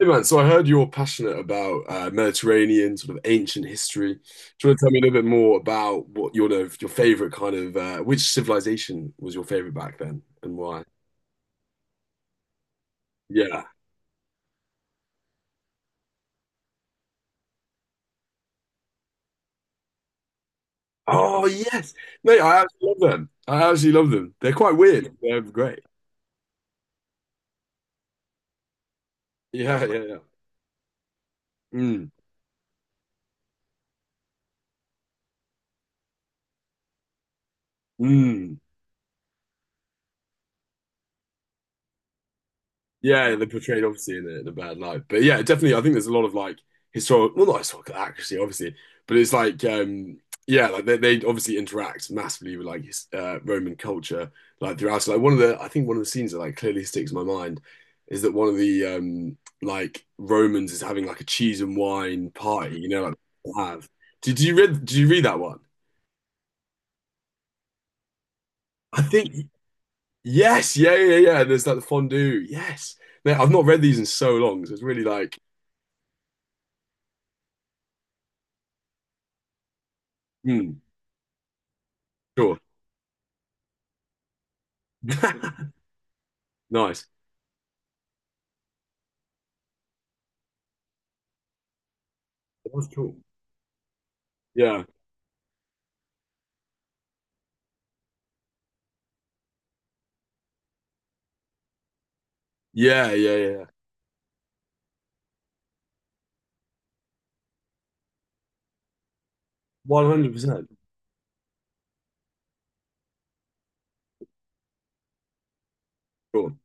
Hey man, so I heard you're passionate about Mediterranean sort of ancient history. Do you want to tell me a little bit more about what your favorite kind of which civilization was your favorite back then and why? Yeah. Oh yes, mate, I actually love them. I actually love them. They're quite weird. They're great. Yeah, yeah, yeah. Mm, mm. Yeah, they're portrayed obviously in a bad light. But yeah, definitely, I think there's a lot of like historical, well, not historical accuracy, obviously, but it's like, yeah, like they obviously interact massively with like his, Roman culture, like throughout. So, like I think one of the scenes that like clearly sticks in my mind is that one of the like Romans is having like a cheese and wine party, like they have. Did you read? Did you read that one? I think yes, yeah, yeah, yeah. There's like the fondue. Yes, mate, I've not read these in so long, so it's really like, hmm, sure. Nice. That was cool. Yeah. Yeah. Yeah. Yeah. 100%. Cool.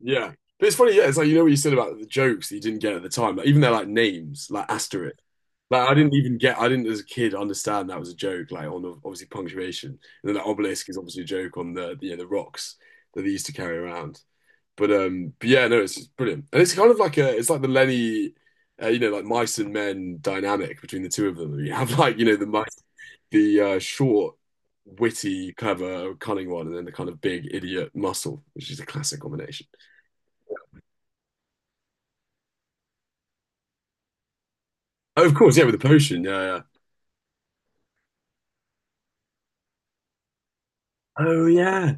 Yeah. But it's funny. Yeah. It's like, you know what you said about the jokes that you didn't get at the time. Like, even their like names, like asterisk. Like, I didn't even get, I didn't as a kid understand that was a joke, like on obviously punctuation. And then the obelisk is obviously a joke on you know, the rocks that they used to carry around. But yeah, no, it's just brilliant, and it's kind of like it's like the Lenny, you know, like mice and men dynamic between the two of them. You have like you know the mice, the short, witty, clever, cunning one, and then the kind of big idiot muscle, which is a classic combination. Oh, of course, yeah, with the potion, yeah, yeah. Oh yeah.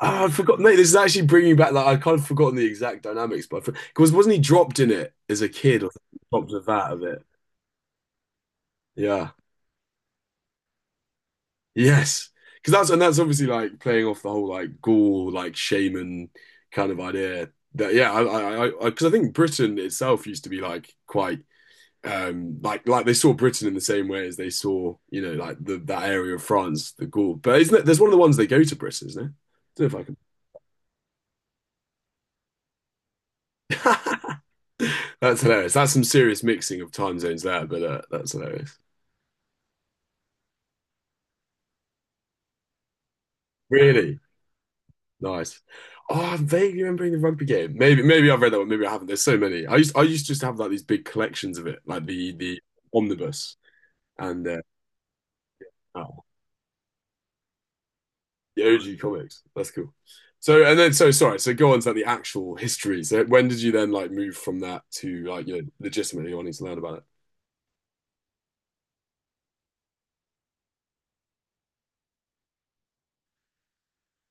Oh, I forgot, mate. This is actually bringing back like I'd kind of forgotten the exact dynamics, but because wasn't he dropped in it as a kid or dropped a vat of it? Yeah. Yes, because that's and that's obviously like playing off the whole like Gaul like shaman kind of idea. That yeah, I because 'cause I think Britain itself used to be like quite like they saw Britain in the same way as they saw you know like the that area of France, the Gaul. But isn't it? There's one of the ones they go to Britain, isn't it? I don't know if I can. That's hilarious. That's some serious mixing of time zones there, but that's hilarious. Really? Nice. Oh, I'm vaguely remembering the rugby game. Maybe, maybe I've read that one. Maybe I haven't. There's so many. I used to just have like these big collections of it, like the omnibus and oh, the OG comics. That's cool. So, and then, so sorry. So, go on to like, the actual history. So, when did you then like move from that to like you know legitimately wanting to learn about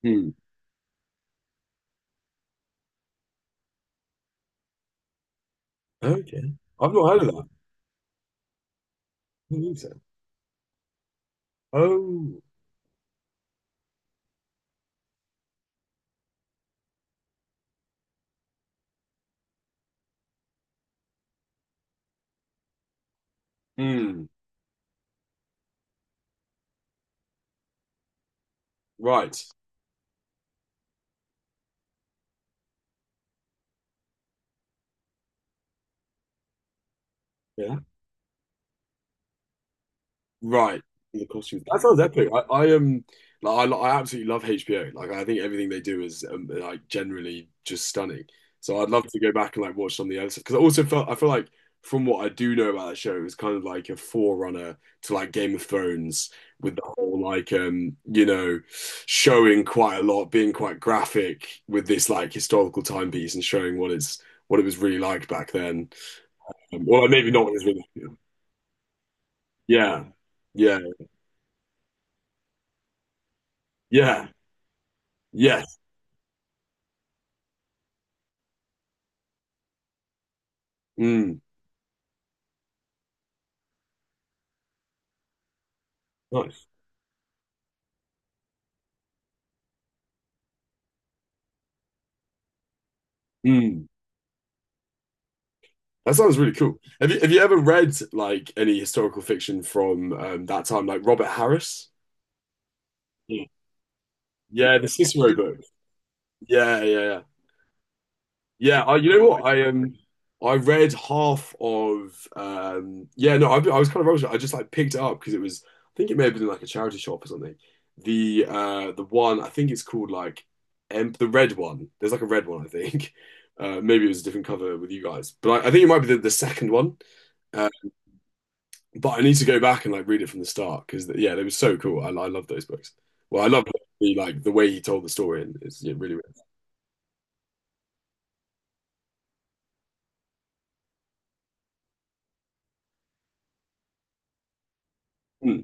it? Hmm. Okay. I've not heard of that. I don't think so. Oh. Hmm. Right. Yeah. Right. The costumes. That sounds epic. I like I absolutely love HBO. Like I think everything they do is like generally just stunning. So I'd love to go back and like watch some of the other stuff because I also felt I feel like from what I do know about that show, it was kind of like a forerunner to like Game of Thrones with the whole like you know showing quite a lot, being quite graphic with this like historical timepiece and showing what it's what it was really like back then. Well, maybe not what it was really. Yeah, yeah, yeah, yeah. Mm, nice. Mm. That sounds really cool. Have you ever read like any historical fiction from that time, like Robert Harris? Yeah. Yeah, the Cicero book. Yeah, yeah, yeah. Yeah, I, you know what? I read half of yeah, no, I was kind of rubbish at it. I just like picked it up because it was I think it may have been in, like a charity shop or something. The one I think it's called like the red one. There's like a red one, I think. Maybe it was a different cover with you guys. But I think it might be the second one. But I need to go back and like read it from the start because yeah, they were so cool. I love those books. Well, I love the like the way he told the story and it's yeah, really, really cool.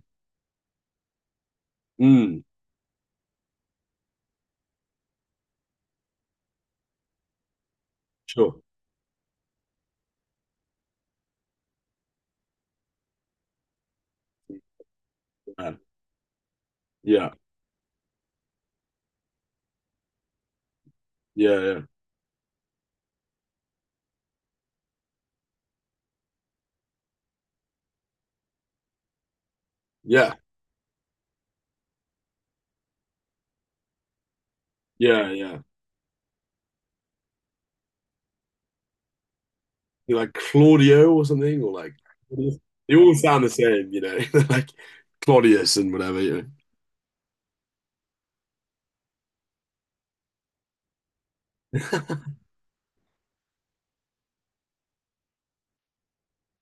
Mm, mm, sure. Yeah, yeah, yeah, yeah, yeah, yeah, yeah. You're like Claudio or something, or like they all sound the same, you know, like Claudius and whatever, you know,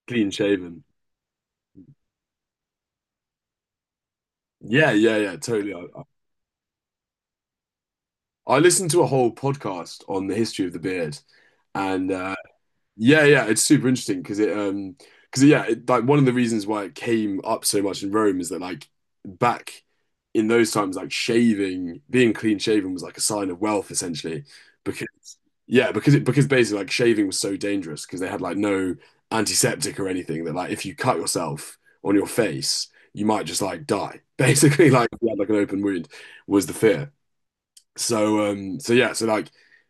clean shaven. Yeah, yeah, yeah, totally. I listened to a whole podcast on the history of the beard, and yeah, yeah, it's super interesting because it because yeah, it, like one of the reasons why it came up so much in Rome is that like back in those times, like shaving, being clean shaven was like a sign of wealth essentially because yeah, because it because basically like shaving was so dangerous because they had like no antiseptic or anything that like if you cut yourself on your face, you might just like die. Basically, like if you had like an open wound was the fear. So so yeah so like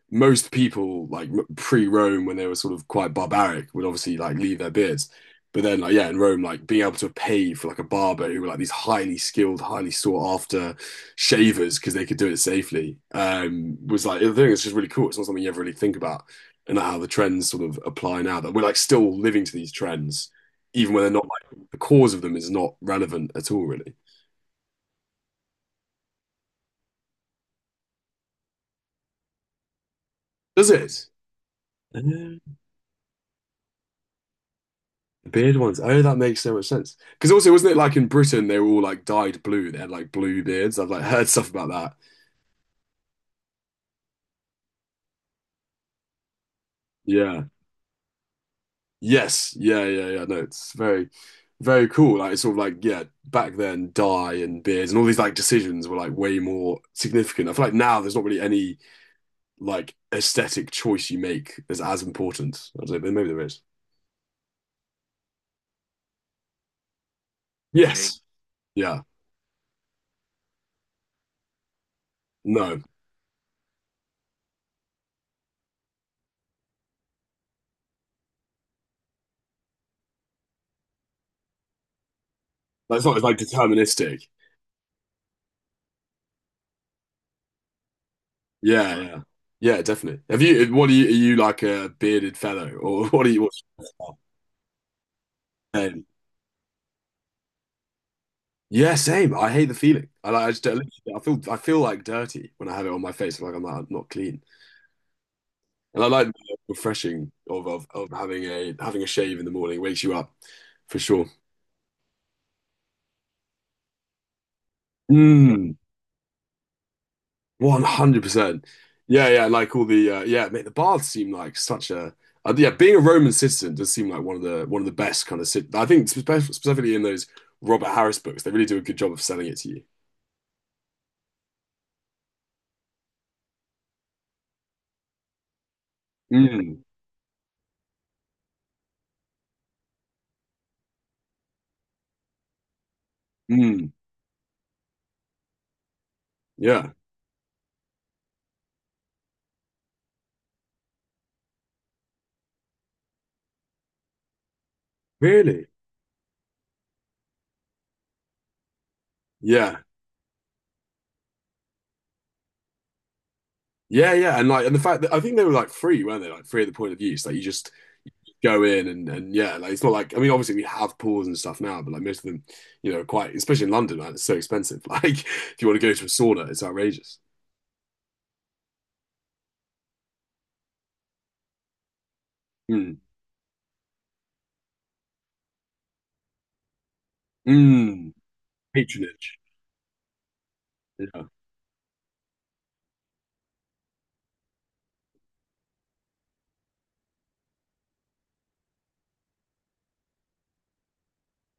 most people like pre-Rome when they were sort of quite barbaric would obviously like leave their beards but then like yeah in Rome like being able to pay for like a barber who were like these highly skilled highly sought after shavers because they could do it safely was like I think it's just really cool it's not something you ever really think about and how the trends sort of apply now that we're like still living to these trends even when they're not like the cause of them is not relevant at all really. Does it? The beard ones. Oh, that makes so much sense. Because also, wasn't it like in Britain they were all like dyed blue? They had like blue beards. I've like heard stuff about that. Yeah. Yes. Yeah. Yeah. Yeah. No, it's very, very cool. Like it's sort of like yeah, back then dye and beards and all these like decisions were like way more significant. I feel like now there's not really any like aesthetic choice you make is as important. I don't know, but maybe there is. Really? Yes. Yeah. No. That's not as like deterministic. Yeah, yeah. Yeah, definitely. Have you what are you like a bearded fellow or what are you what's same. Yeah, same. I hate the feeling. I like I just don't- I feel like dirty when I have it on my face. Like, I'm not clean. And I like the refreshing of, of having a shave in the morning wakes you up for sure. Mm. 100%. Yeah, yeah. Like all the yeah, mate. The baths seem like such a yeah. Being a Roman citizen does seem like one of the best kind of. Sit I think specifically in those Robert Harris books, they really do a good job of selling it to you. Mm, mm, yeah. Really? Yeah. Yeah, yeah. And like and the fact that I think they were like free, weren't they? Like free at the point of use. Like you just go in and yeah, like it's not like I mean obviously we have pools and stuff now, but like most of them, you know, quite especially in London, man, it's so expensive. Like if you want to go to a sauna, it's outrageous. Mm. Mm, patronage. Yeah.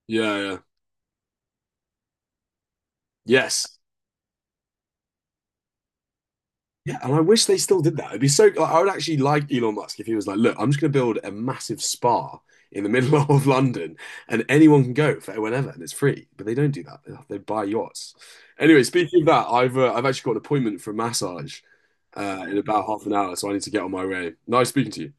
Yeah, yeah. Yes. Yeah, and I wish they still did that. It'd be so like, I would actually like Elon Musk if he was like, look, I'm just gonna build a massive spa in the middle of London and anyone can go for whenever and it's free. But they don't do that. They buy yachts. Anyway, speaking of that, I've actually got an appointment for a massage in about half an hour, so I need to get on my way. Nice speaking to you.